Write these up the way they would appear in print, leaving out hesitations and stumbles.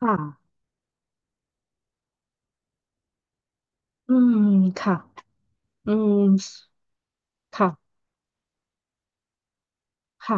ค่ะอืมค่ะอืมค่ะค่ะ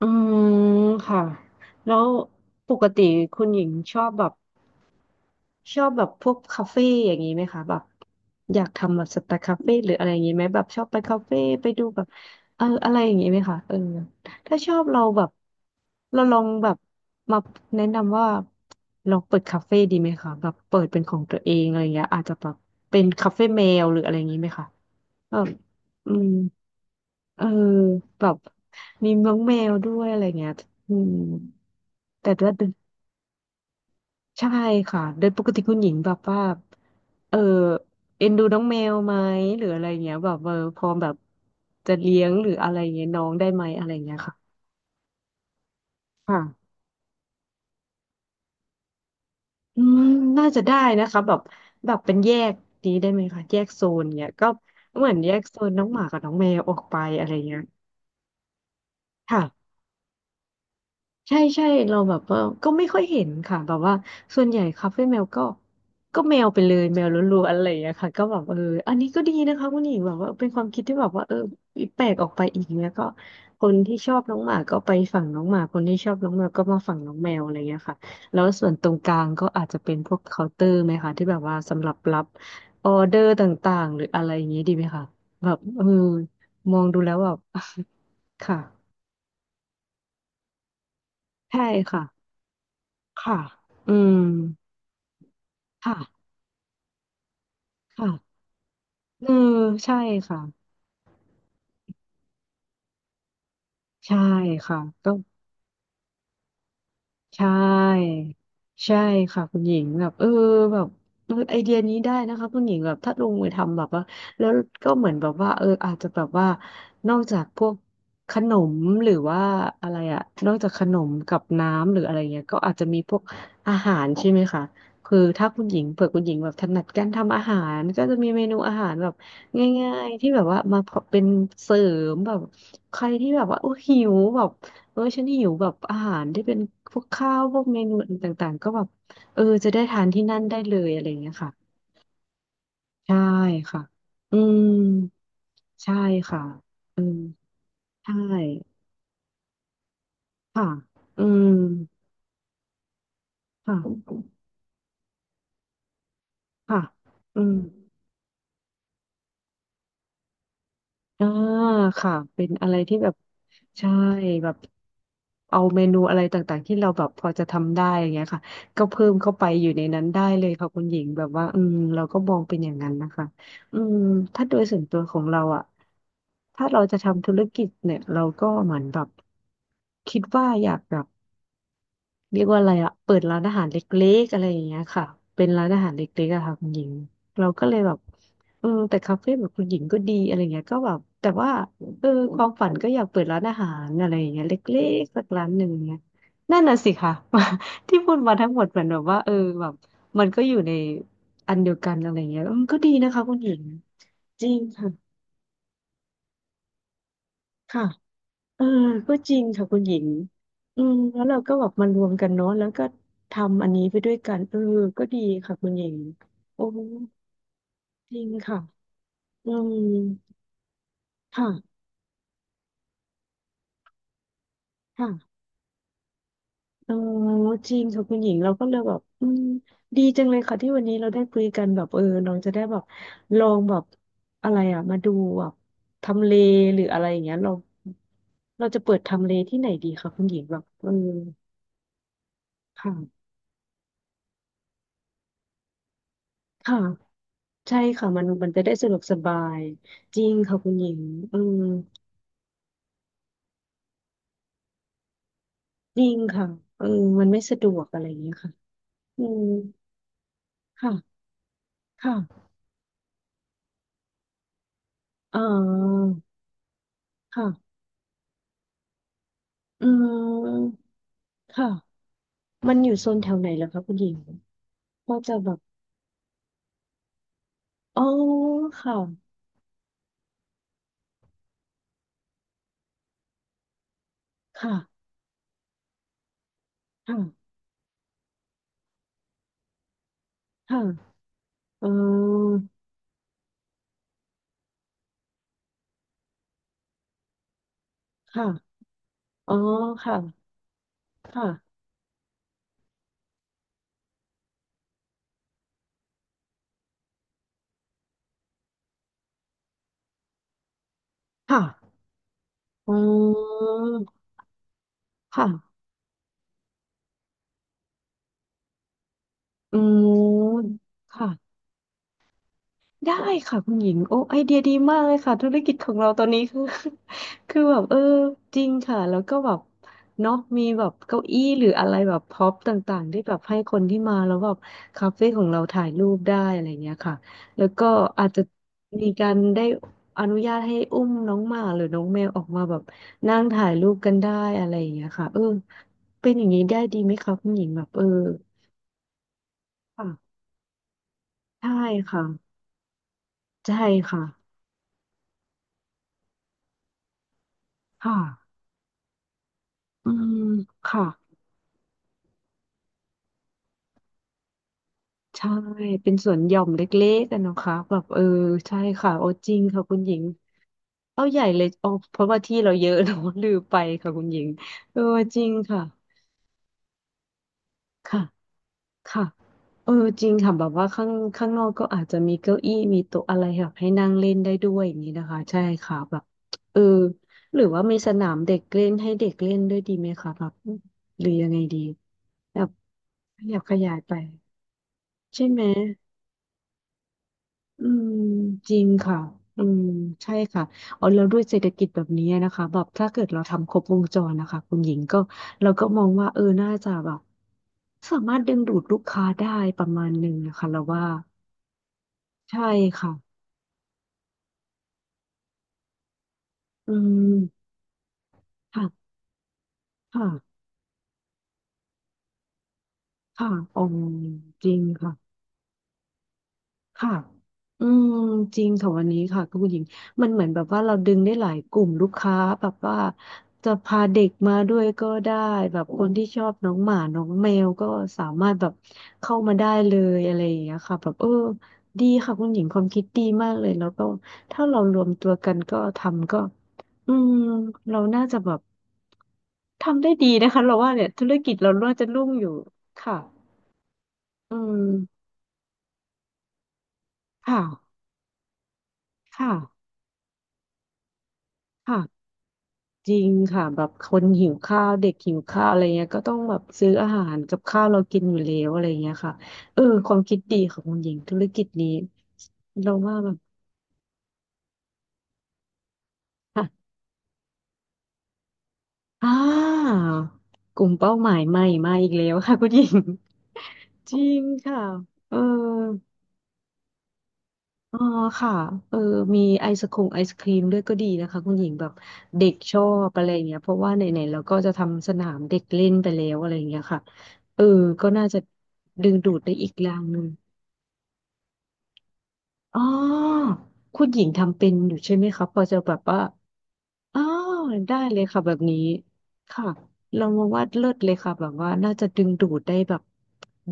อืมค่ะแล้วปกติคุณหญิงชอบแบบชอบแบบพวกคาเฟ่อย่างนี้ไหมคะแบบอยากทำแบบสไตล์คาเฟ่หรืออะไรอย่างนี้ไหมแบบชอบไปคาเฟ่ไปดูแบบอะไรอย่างนี้ไหมคะถ้าชอบเราแบบเราลองแบบมาแนะนำว่าลองเปิดคาเฟ่ดีไหมคะแบบเปิดเป็นของตัวเองอะไรอย่างเงี้ยอาจจะแบบเป็นคาเฟ่แมวหรืออะไรอย่างนี้ไหมคะเอออืม เออแบบมีน้องแมวด้วยอะไรเงี้ยอืมแต่ว่าใช่ค่ะโดยปกติคุณหญิงแบบว่าเออเอ็นดูน้องแมวไหมหรืออะไรเงี้ยแบบพร้อมแบบจะเลี้ยงหรืออะไรเงี้ยน้องได้ไหมอะไรเงี้ยค่ะค่ะอืมน่าจะได้นะคะแบบแบบเป็นแยกนี้ได้ไหมคะแยกโซนเนี้ยก็เหมือนแยกโซนน้องหมากับน้องแมวออกไปอะไรเงี้ยค่ะ ใช่ใช่เราแบบว่าก็ไม่ค่อยเห็นค่ะแบบว่าส่วนใหญ่คาเฟ่แมวก็แมวไปเลยแมวล้วนๆอะไรอย่างเงี้ยค่ะก็แบบอันนี้ก็ดีนะคะคุณหญิงแบบว่าเป็นความคิดที่แบบว่าแปลกออกไปอีกเนี้ยก็คนที่ชอบน้องหมาก็ไปฝั่งน้องหมาคนที่ชอบน้องแมวก็มาฝั่งน้องแมวอะไรเงี้ยค่ะแล้วส่วนตรงกลางก็อาจจะเป็นพวกเคาน์เตอร์ไหมคะที่แบบว่าสำหรับรับออเดอร์ต่างๆหรืออะไรอย่างเงี้ยดีไหมคะแบบมองดูแล้วแบบ ค่ะใช่ค่ะ ค่ะ อืม ค่ะ ค่ะเออใช่ค่ะ ใช่ค่ะก็ ใช่ใช่ค่ะคุณหญิงแบบแบบไอเดียนี้ได้นะคะคุณหญิงแบบถ้าลงมือทำแบบว่าแล้วก็เหมือนแบบว่าอาจจะแบบว่านอกจากพวกขนมหรือว่าอะไรอะนอกจากขนมกับน้ำหรืออะไรเงี้ยก็อาจจะมีพวกอาหารใช่ไหมคะคือถ้าคุณหญิงเผื่อคุณหญิงแบบถนัดการทำอาหารก็จะมีเมนูอาหารแบบง่ายๆที่แบบว่ามาเป็นเสริมแบบใครที่แบบว่าโอ้หิวแบบ ฉันหิวแบบอาหารที่เป็นพวกข้าวพวกเมนูต่างๆก็แบบจะได้ทานที่นั่นได้เลยอะไรอย่างเงี้ยค่ะใช่ค่ะอืมใช่ค่ะอืมใช่ค่ะอืมค่ะค่ะอืม อ่าค่ะเป็นอะไรที่แบบใช่แบบเอาเมนูอะไรต่างๆที่เราแบบพอจะทำได้อย่างเงี้ยค่ะก็เพิ่มเข้าไปอยู่ในนั้นได้เลยค่ะคุณหญิงแบบว่าอืมเราก็มองเป็นอย่างนั้นนะคะอืมถ้าโดยส่วนตัวของเราอ่ะถ้าเราจะทำธุรกิจเนี่ยเราก็เหมือนแบบคิดว่าอยากแบบ เรียกว่าอะไรอะเปิดร้านอาหารเล็กๆอะไรอย่างเงี้ยค่ะเป็นร้านอาหารเล็กๆอะค่ะคุณหญิงเราก็เลยแบบแต่คาเฟ่แบบคุณหญิงก็ดีอะไรเงี้ยก็แบบแต่ว่าเออความฝันก็อยากเปิดร้านอาหารอะไรอย่างเงี้ยเล็กๆสักร้านหนึ่งเงี้ยนั่นน่ะสิค่ะ ที่พูดมาทั้งหมดเหมือนแบบว่าแบบมันก็อยู่ในอันเดียวกันอะไรเงี้ยออมก็ดีนะคะคุณหญิงจริงค่ะค่ะ เออก็จริงค่ะคุณหญิงอืมแล้วเราก็แบบมารวมกันเนาะแล้วก็ทำอันนี้ไปด้วยกันก็ดีค่ะคุณหญิงโอ้จริงค่ะอืมค่ะค่ะเออจริงค่ะคุณหญิงเราก็เลยแบบอืมดีจังเลยค่ะที่วันนี้เราได้คุยกันแบบเราจะได้แบบลองแบบอะไรอ่ะมาดูแบบทำเลหรืออะไรอย่างเงี้ยเราเราจะเปิดทำเลที่ไหนดีคะคุณหญิงแบบค่ะค่ะ ใช่ค่ะมันมันจะได้สะดวกสบายจริงค่ะคุณหญิงเออจริงค่ะเออมันไม่สะดวกอะไรอย่างเงี้ยค่ะอืมค่ะค่ะอ่าค่ะอืมค่ะมันอยู่โซนแถวไหนเหรอคะคุณหญิงก็จะแบบอ๋อค่ะค่ะค่ะค่ะอ๋อค่ะอ๋อค่ะค่ะค่ะอ๋อค่ะอืมค่ะ ได้ค่ะคุณหญิงโอ้ไอเดียดีมากเลยค่ะธุรกิจของเราตอนนี้คือ คือแบบจริงค่ะแล้วก็แบบเนาะมีแบบเก้าอี้หรืออะไรแบบพ็อปต่างๆที่แบบให้คนที่มาแล้วแบบคาเฟ่ของเราถ่ายรูปได้อะไรเงี้ยค่ะแล้วก็อาจจะมีการได้อนุญาตให้อุ้มน้องหมาหรือน้องแมวออกมาแบบนั่งถ่ายรูปกันได้อะไรอย่างเงี้ยค่ะเป็นอย่างนี้ได้ดีไหมคะคุณหญิงแบบค่ะใช่ค่ะใช่ค่ะค่ะ อืมค่ะใช่เป็นสวนหย่อมเล็กๆกันนะคะแบบเออใช่ค่ะโอ้จริงค่ะคุณหญิงเอาใหญ่เลยเอาเพราะว่าที่เราเยอะเราลืมไปค่ะคุณหญิงเออจริงค่ะค่ะค่ะเออจริงค่ะแบบว่าข้างข้างนอกก็อาจจะมีเก้าอี้มีโต๊ะอะไรแบบให้นั่งเล่นได้ด้วยอย่างนี้นะคะใช่ค่ะแบบเออหรือว่ามีสนามเด็กเล่นให้เด็กเล่นด้วยดีไหมคะแบบหรือยังไงดีแบบขยับขยายไปใช่ไหม อืมจริงค่ะอืมใช่ค่ะเอาแล้วด้วยเศรษฐกิจแบบนี้นะคะแบบถ้าเกิดเราทำครบวงจรนะคะคุณหญิงก็เราก็มองว่าน่าจะแบบสามารถดึงดูดลูกค้าได้ประมาณหนึ่งนะคะเราว่าใช่ค่ะอืมค่ะค่ะค่ะอ๋อจริงค่ะ ค่ะอืมจริงค่ะวันนี้ค่ะคุณผู้หญิงมันเหมือนแบบว่าเราดึงได้หลายกลุ่มลูกค้าแบบว่าจะพาเด็กมาด้วยก็ได้แบบคนที่ชอบน้องหมาน้องแมวก็สามารถแบบเข้ามาได้เลยอะไรอย่างเงี้ยค่ะแบบเออดีค่ะคุณหญิงความคิดดีมากเลยแล้วก็ถ้าเรารวมตัวกันก็ทำก็อืมเราน่าจะแบบทำได้ดีนะคะเราว่าเนี่ยธุรกิจเราน่าจะรุ่งอยู่ค่ะอืมค่ะค่ะค่ะ จริงค่ะแบบคนหิวข้าวเด็กหิวข้าวอะไรเงี้ยก็ต้องแบบซื้ออาหารกับข้าวเรากินอยู่แล้วอะไรเงี้ยค่ะความคิดดีของคุณหญิงธุรกิจนี้เราว่าแบบอ่ะอ่ากลุ่มเป้าหมายใหม่มาอีกแล้วค่ะคุณหญิง จริงค่ะเออ อ๋อค่ะเออมีไอศครีมด้วยก็ดีนะคะคุณหญิงแบบเด็กชอบอะไรอย่างเงี้ยเพราะว่าไหนๆเราก็จะทำสนามเด็กเล่นไปแล้วอะไรอย่างเงี้ยค่ะเออก็น่าจะดึงดูดได้อีกอย่างหนึ่งอ๋อคุณหญิงทำเป็นอยู่ใช่ไหมคะพอจะแบบว่า อ๋อได้เลยค่ะแบบนี้ค่ะเรามาว่าเลิศเลยค่ะแบบว่าน่าจะดึงดูดได้แบบ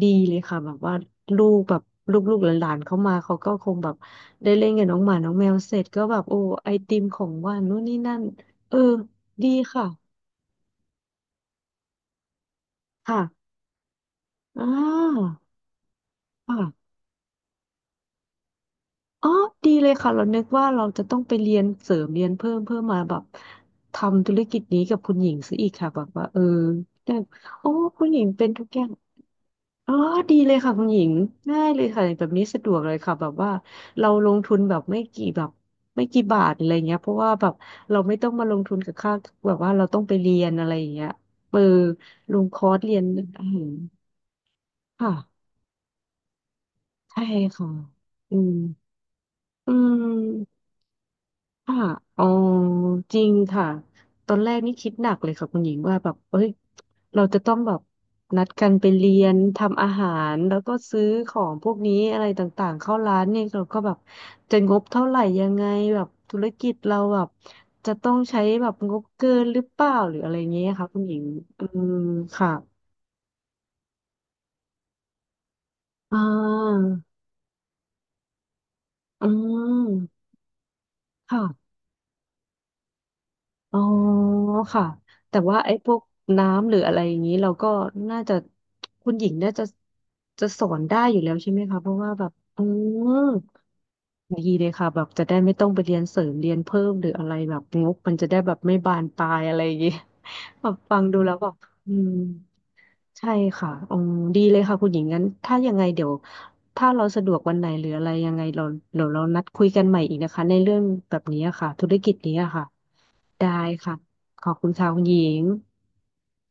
ดีเลยค่ะแบบว่าลูกแบบลูกๆหลานๆเข้ามาเขาก็คงแบบได้เล่นกับน้องหมาน้องแมวเสร็จก็แบบโอ้ไอติมของว่านนู่นนี่นั่นเออดีค่ะค่ะอ่าค่ะอ๋อดีเลยค่ะเรานึกว่าเราจะต้องไปเรียนเสริมเรียนเพิ่มเพื่อมาแบบทำธุรกิจนี้กับคุณหญิงซะอีกค่ะแบบว่าเออแต่โอ้คุณหญิงเป็นทุกอย่าง อ๋อดีเลยค่ะคุณหญิงง่ายเลยค่ะแบบนี้สะดวกเลยค่ะแบบว่าเราลงทุนแบบไม่กี่แบบไม่กี่บาทอะไรเงี้ยเพราะว่าแบบเราไม่ต้องมาลงทุนกับค่าแบบว่าเราต้องไปเรียนอะไรอย่างเงี้ยเออลงคอร์สเรียนอาหารค่ะใช่ค่ะอืมอืม ค่ะอ๋อจริงค่ะตอนแรกนี่คิดหนักเลยค่ะคุณหญิงว่าแบบเอ้ยเราจะต้องแบบนัดกันไปเรียนทำอาหารแล้วก็ซื้อของพวกนี้อะไรต่างๆเข้าร้านเนี่ยเราก็แบบจะงบเท่าไหร่ยังไงแบบธุรกิจเราแบบจะต้องใช้แบบงบเกินหรือเปล่าหรืออะไรเงี้ยค่ะคุณหญิงอืมค่ะอ่าอืมค่ะ อ๋อค่ะแต่ว่าไอ้พวกน้ำหรืออะไรอย่างนี้เราก็น่าจะคุณหญิงน่าจะจะสอนได้อยู่แล้วใช่ไหมคะเพราะว่าแบบอืมดีเลยค่ะแบบจะได้ไม่ต้องไปเรียนเสริมเรียนเพิ่มหรืออะไรแบบงกมันจะได้แบบไม่บานปลายอะไรอย่างนี้ แบบฟังดูแล้วแบบอืมใช่ค่ะอ๋อดีเลยค่ะคุณหญิงงั้นถ้ายังไงเดี๋ยวถ้าเราสะดวกวันไหนหรืออะไรยังไงเราเดี๋ยวเรานัดคุยกันใหม่อีกนะคะในเรื่องแบบนี้อะค่ะธุรกิจนี้อะค่ะ ได้ค่ะขอบคุณค่ะคุณหญิง